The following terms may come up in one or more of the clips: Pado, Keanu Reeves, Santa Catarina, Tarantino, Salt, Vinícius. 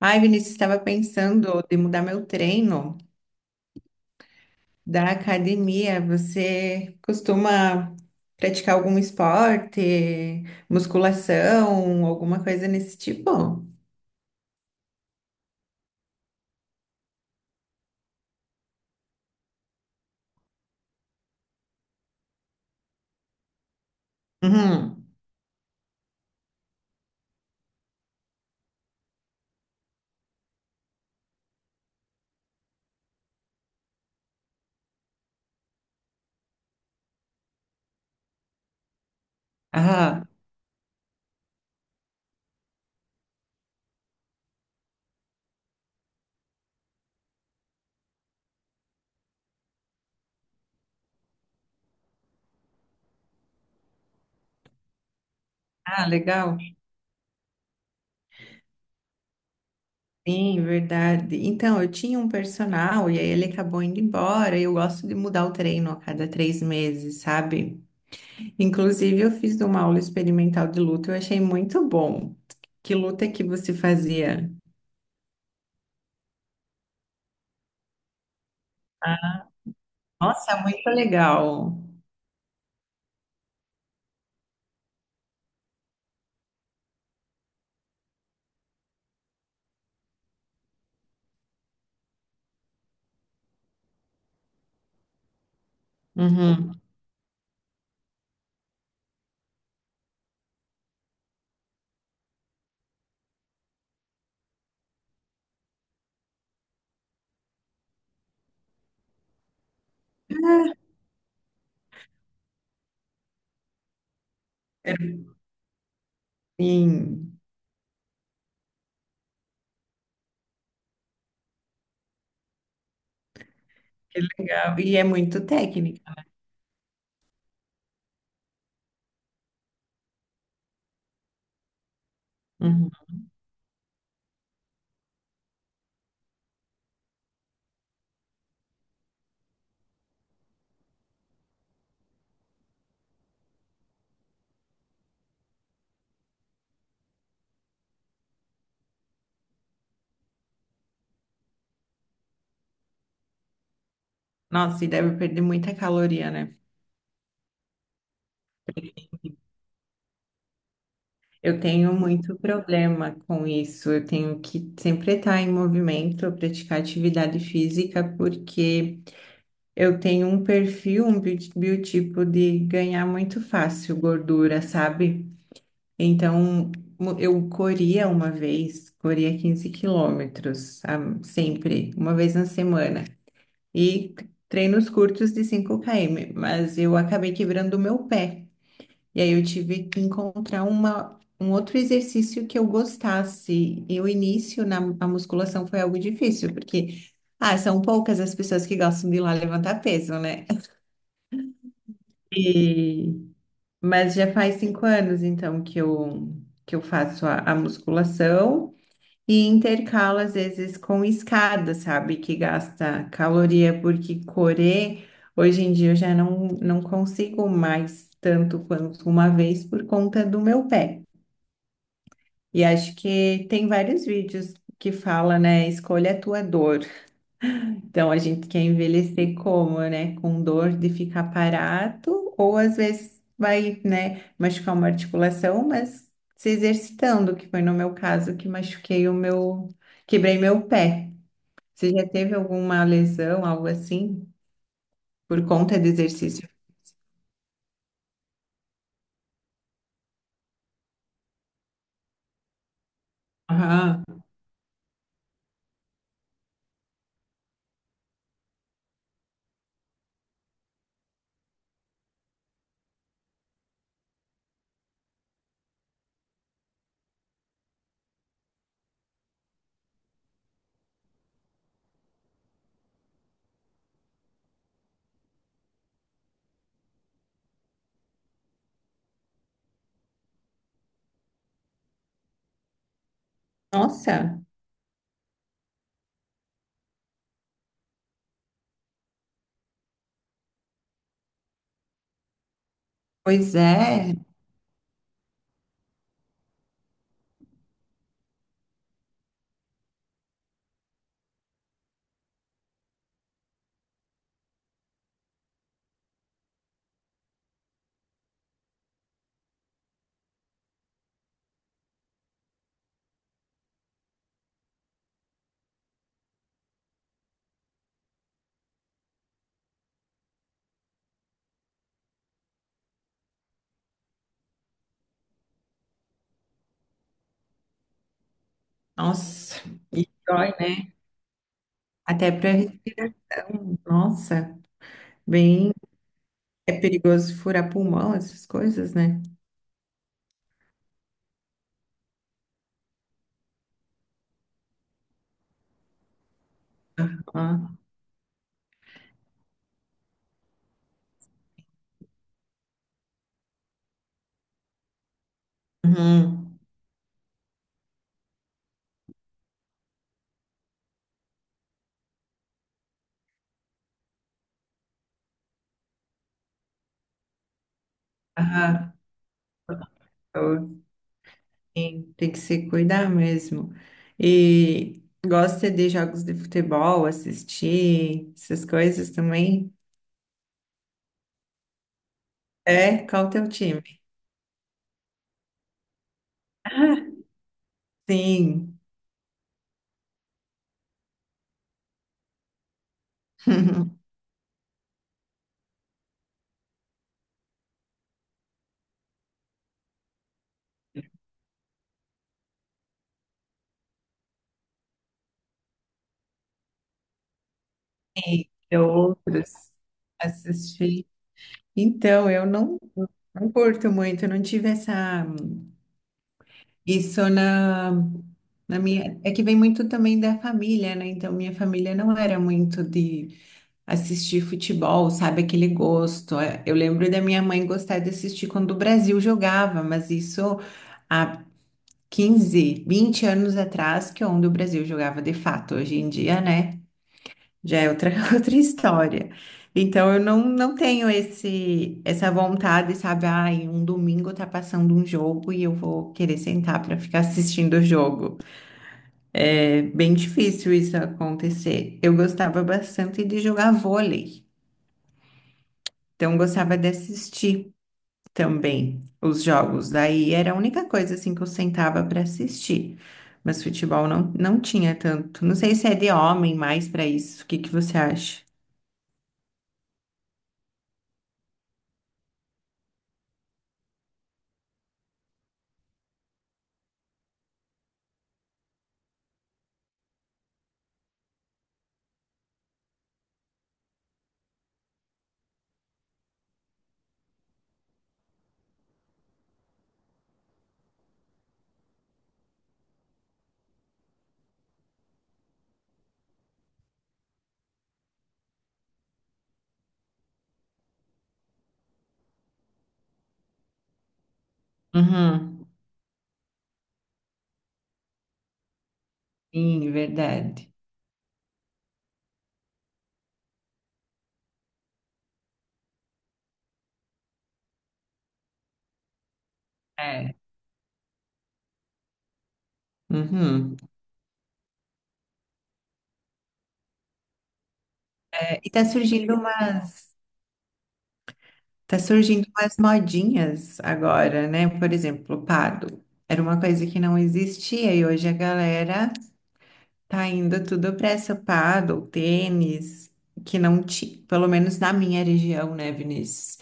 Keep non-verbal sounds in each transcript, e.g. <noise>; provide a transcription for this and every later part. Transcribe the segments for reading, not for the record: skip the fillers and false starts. Ai, Vinícius, estava pensando de mudar meu treino da academia. Você costuma praticar algum esporte, musculação, alguma coisa nesse tipo? Uhum. Ah, Legal. Sim, verdade. Então, eu tinha um personal e aí ele acabou indo embora. Eu gosto de mudar o treino a cada três meses, sabe? Inclusive, eu fiz uma aula experimental de luta, eu achei muito bom. Que luta que você fazia? Nossa, muito legal. Uhum. Ah, sim, que legal. E é muito técnica. Uhum. Nossa, e deve perder muita caloria, né? Eu tenho muito problema com isso. Eu tenho que sempre estar em movimento, praticar atividade física, porque eu tenho um perfil, biotipo de ganhar muito fácil gordura, sabe? Então, eu corria uma vez, corria 15 quilômetros, sempre, uma vez na semana. E treinos curtos de 5 km, mas eu acabei quebrando o meu pé. E aí eu tive que encontrar um outro exercício que eu gostasse. E o início na a musculação foi algo difícil, porque ah, são poucas as pessoas que gostam de ir lá levantar peso, né? E- mas já faz 5 anos, então, que eu faço a musculação. E intercala às vezes com escada, sabe? Que gasta caloria, porque correr, hoje em dia eu já não consigo mais tanto quanto uma vez por conta do meu pé. E acho que tem vários vídeos que fala, né? Escolha a tua dor. Então a gente quer envelhecer como, né? Com dor de ficar parado, ou às vezes vai, né, machucar uma articulação, mas se exercitando, que foi no meu caso que quebrei meu pé. Você já teve alguma lesão, algo assim, por conta de exercício? Aham. Nossa, pois é. Nossa, e dói, né? Até para respiração. Nossa, bem, é perigoso furar pulmão, essas coisas, né? Ah, uhum. Ah, eu- sim, tem que se cuidar mesmo. E gosta de jogos de futebol, assistir, essas coisas também? É, qual o teu time? <laughs> Sim. <laughs> E outros assistir. Então, eu não, não curto muito, eu não tive essa. Isso na, na minha. É que vem muito também da família, né? Então, minha família não era muito de assistir futebol, sabe? Aquele gosto. É, eu lembro da minha mãe gostar de assistir quando o Brasil jogava, mas isso há 15, 20 anos atrás, que é onde o Brasil jogava de fato. Hoje em dia, né? Já é outra, <laughs> outra história. Então, eu não, não tenho essa vontade, sabe? Ai, um domingo tá passando um jogo e eu vou querer sentar para ficar assistindo o jogo. É bem difícil isso acontecer. Eu gostava bastante de jogar vôlei, então gostava de assistir também os jogos. Daí era a única coisa assim que eu sentava para assistir. Mas futebol não tinha tanto. Não sei se é de homem mais para isso. O que que você acha? Uhum. Sim, verdade. É. Uhum. É, e tá surgindo umas, tá surgindo umas modinhas agora, né? Por exemplo, Pado. Era uma coisa que não existia e hoje a galera tá indo tudo pra essa Pado, tênis, que não tinha, pelo menos na minha região, né, Vinícius?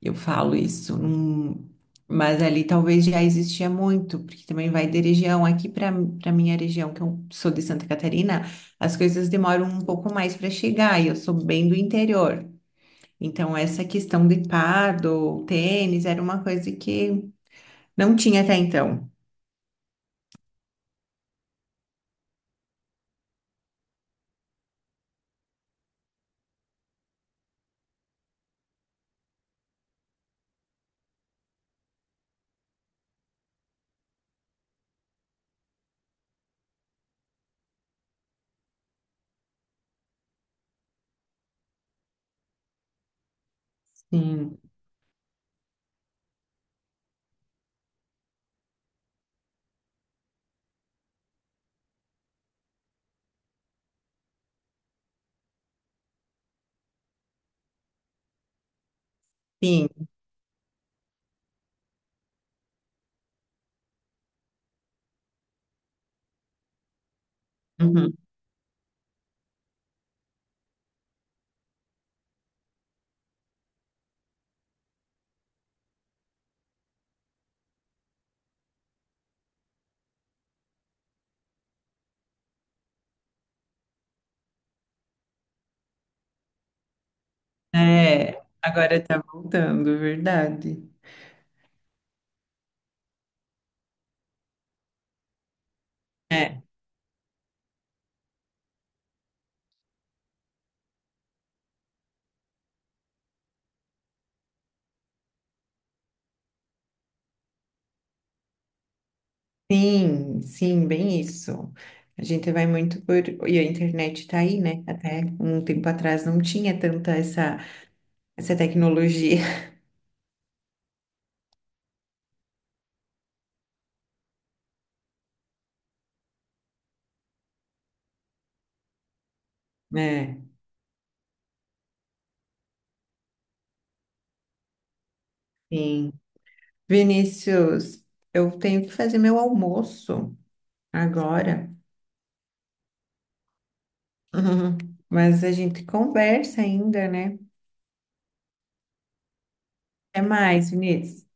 Eu falo isso, mas ali talvez já existia muito, porque também vai de região. Aqui para Para minha região, que eu sou de Santa Catarina, as coisas demoram um pouco mais para chegar, e eu sou bem do interior. Então, essa questão de pádel, tênis, era uma coisa que não tinha até então. Sim, sim. Uhum. É, agora tá voltando, verdade. É. Sim, sim, bem isso. A gente vai muito por. E a internet tá aí, né? Até um tempo atrás não tinha tanta essa tecnologia, <laughs> né? Sim. Vinícius, eu tenho que fazer meu almoço agora. <laughs> Mas a gente conversa ainda, né? Até mais, Vinícius.